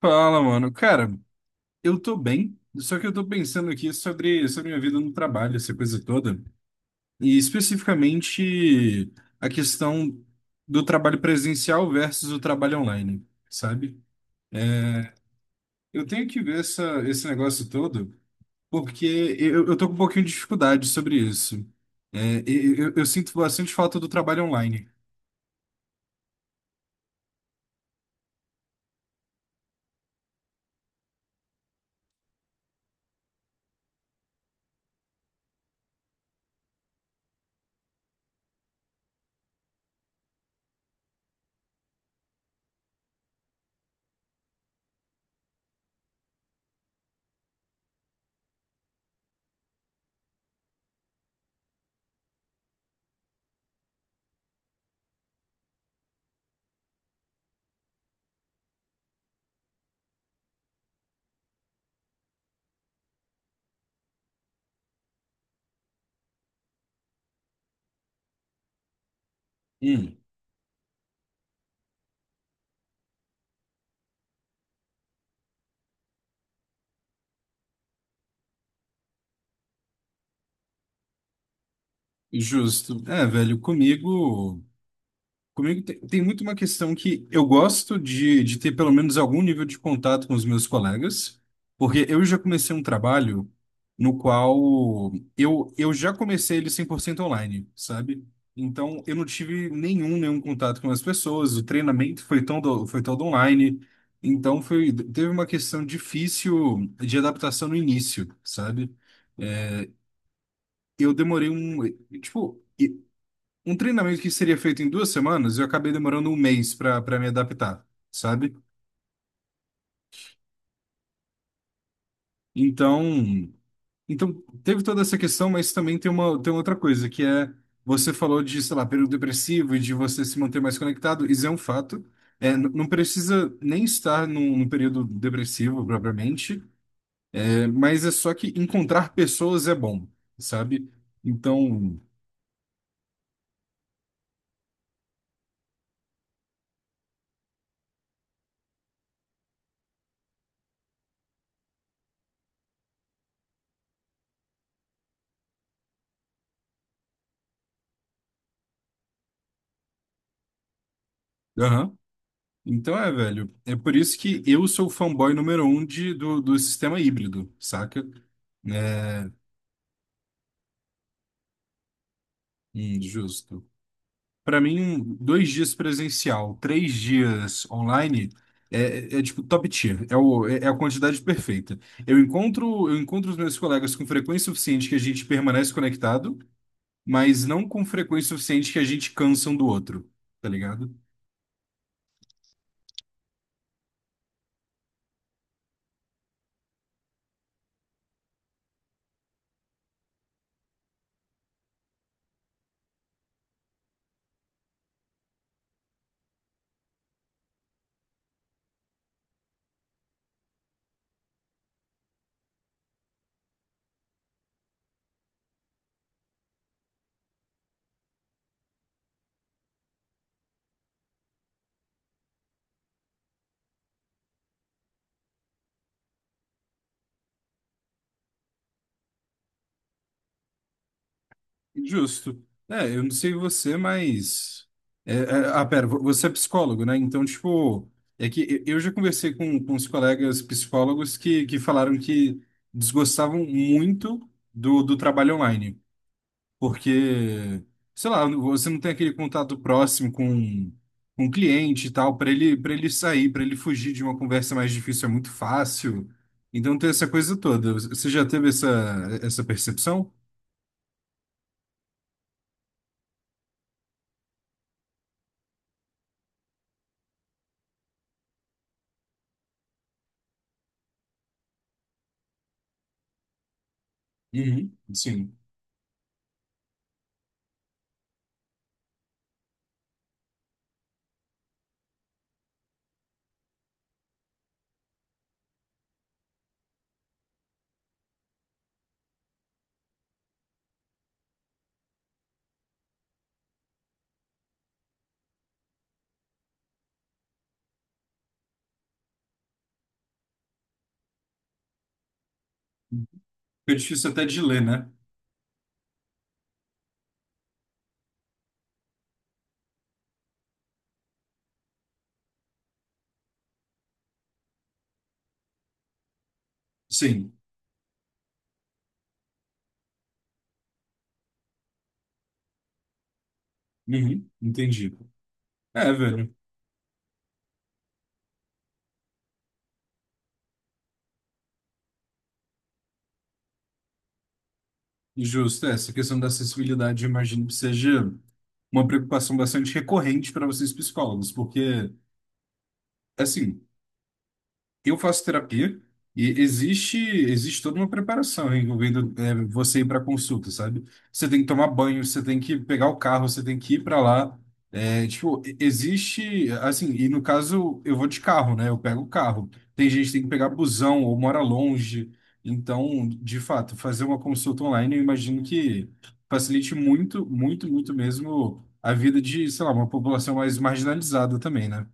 Fala, mano. Cara, eu tô bem, só que eu tô pensando aqui sobre minha vida no trabalho, essa coisa toda. E especificamente a questão do trabalho presencial versus o trabalho online, sabe? Eu tenho que ver esse negócio todo, porque eu tô com um pouquinho de dificuldade sobre isso. Eu sinto bastante falta do trabalho online. Hum. Justo. É, velho, comigo. Tem muito uma questão que eu gosto de ter pelo menos algum nível de contato com os meus colegas, porque eu já comecei um trabalho no qual eu já comecei ele 100% online, sabe? Então eu não tive nenhum contato com as pessoas, o treinamento foi todo online, então foi, teve uma questão difícil de adaptação no início, sabe? Eu demorei tipo, um treinamento que seria feito em 2 semanas, eu acabei demorando um mês para me adaptar, sabe? Então, então teve toda essa questão, mas também tem uma tem outra coisa que é você falou de, sei lá, período depressivo e de você se manter mais conectado, isso é um fato. Não precisa nem estar num período depressivo propriamente, mas é só que encontrar pessoas é bom, sabe? Então, aham. Então é, velho. É por isso que eu sou o fanboy número um do sistema híbrido, saca? É, Justo. Pra mim, 2 dias presencial, 3 dias online é, é, é, tipo top tier. É, o, é é a quantidade perfeita. Eu encontro os meus colegas com frequência suficiente que a gente permanece conectado, mas não com frequência suficiente que a gente cansa um do outro, tá ligado? Justo. É, eu não sei você, mas. Pera, você é psicólogo, né? Então, tipo, eu já conversei com os colegas psicólogos que falaram que desgostavam muito do trabalho online, porque, sei lá, você não tem aquele contato próximo com o cliente e tal, para ele sair, para ele fugir de uma conversa mais difícil é muito fácil. Então, tem essa coisa toda. Você já teve essa percepção? Uhum, sim. Fica difícil até de ler, né? Sim. Uhum, entendi. É, velho. Justo. É, essa questão da acessibilidade, eu imagino que seja uma preocupação bastante recorrente para vocês psicólogos, porque, assim, eu faço terapia e existe toda uma preparação envolvendo você ir para consulta, sabe? Você tem que tomar banho, você tem que pegar o carro, você tem que ir para lá. Existe assim, e no caso eu vou de carro, né? Eu pego o carro. Tem gente que tem que pegar busão ou mora longe. Então, de fato, fazer uma consulta online, eu imagino que facilite muito, muito, muito mesmo a vida de, sei lá, uma população mais marginalizada também, né?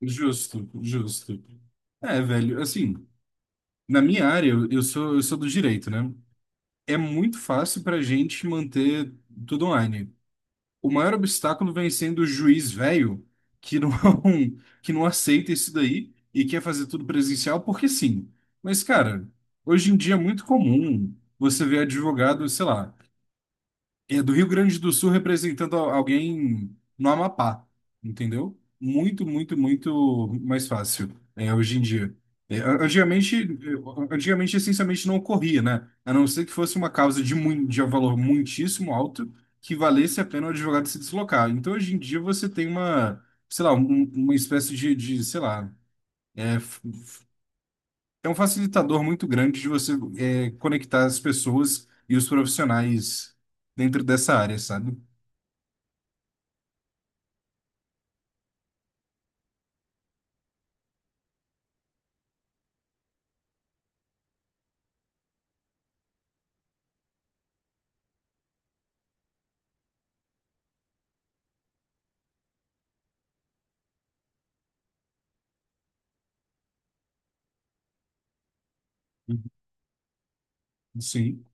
Justo, justo. É, velho, assim, na minha área, eu sou do direito, né? É muito fácil pra gente manter tudo online. O maior obstáculo vem sendo o juiz velho, que não, que não aceita isso daí e quer fazer tudo presencial porque sim. Mas, cara, hoje em dia é muito comum você ver advogado, sei lá é do Rio Grande do Sul representando alguém no Amapá, entendeu? Muito, muito, muito mais fácil, é, hoje em dia. Antigamente, essencialmente, não ocorria, né? A não ser que fosse uma causa de um valor muitíssimo alto que valesse a pena o advogado se deslocar. Então, hoje em dia, você tem uma, sei lá, uma espécie de, sei lá, é, f- é um facilitador muito grande de você conectar as pessoas e os profissionais dentro dessa área, sabe? Sim,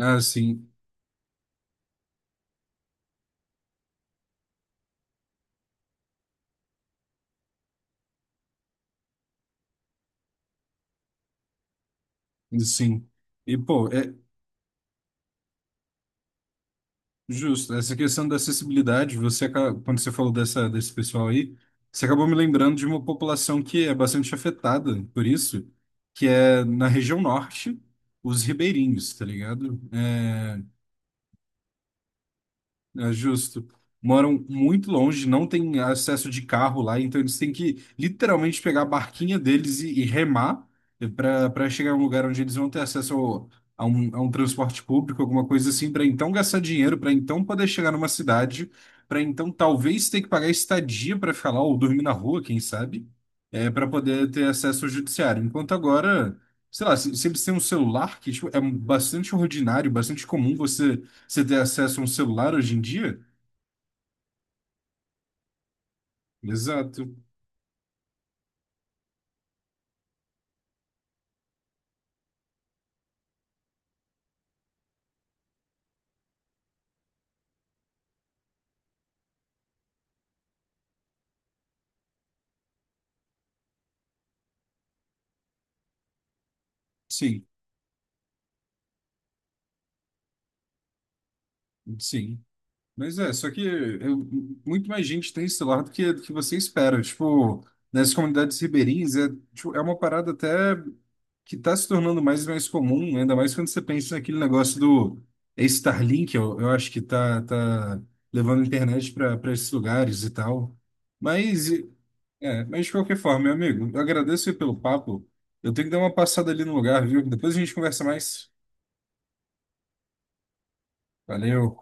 ah, sim, sim. E, pô, é justo, essa questão da acessibilidade, você, quando você falou desse pessoal aí, você acabou me lembrando de uma população que é bastante afetada por isso, que é na região norte, os ribeirinhos, tá ligado? É, é justo. Moram muito longe, não tem acesso de carro lá, então eles têm que literalmente pegar a barquinha deles e remar para chegar a um lugar onde eles vão ter acesso a um transporte público, alguma coisa assim, para então gastar dinheiro, para então poder chegar numa cidade, para então talvez ter que pagar estadia para ficar lá ou dormir na rua, quem sabe, é, para poder ter acesso ao judiciário. Enquanto agora, sei lá, se eles têm um celular, que tipo, é bastante ordinário, bastante comum você ter acesso a um celular hoje em dia? Exato. Sim, sim. Mas é, só que muito mais gente tem celular do que você espera. Tipo, nas comunidades ribeirinhas, é, tipo, é uma parada até que está se tornando mais e mais comum, ainda mais quando você pensa naquele negócio do Starlink, eu acho que tá levando a internet para esses lugares e tal. Mas, é, mas de qualquer forma, meu amigo, eu agradeço aí pelo papo. Eu tenho que dar uma passada ali no lugar, viu? Depois a gente conversa mais. Valeu.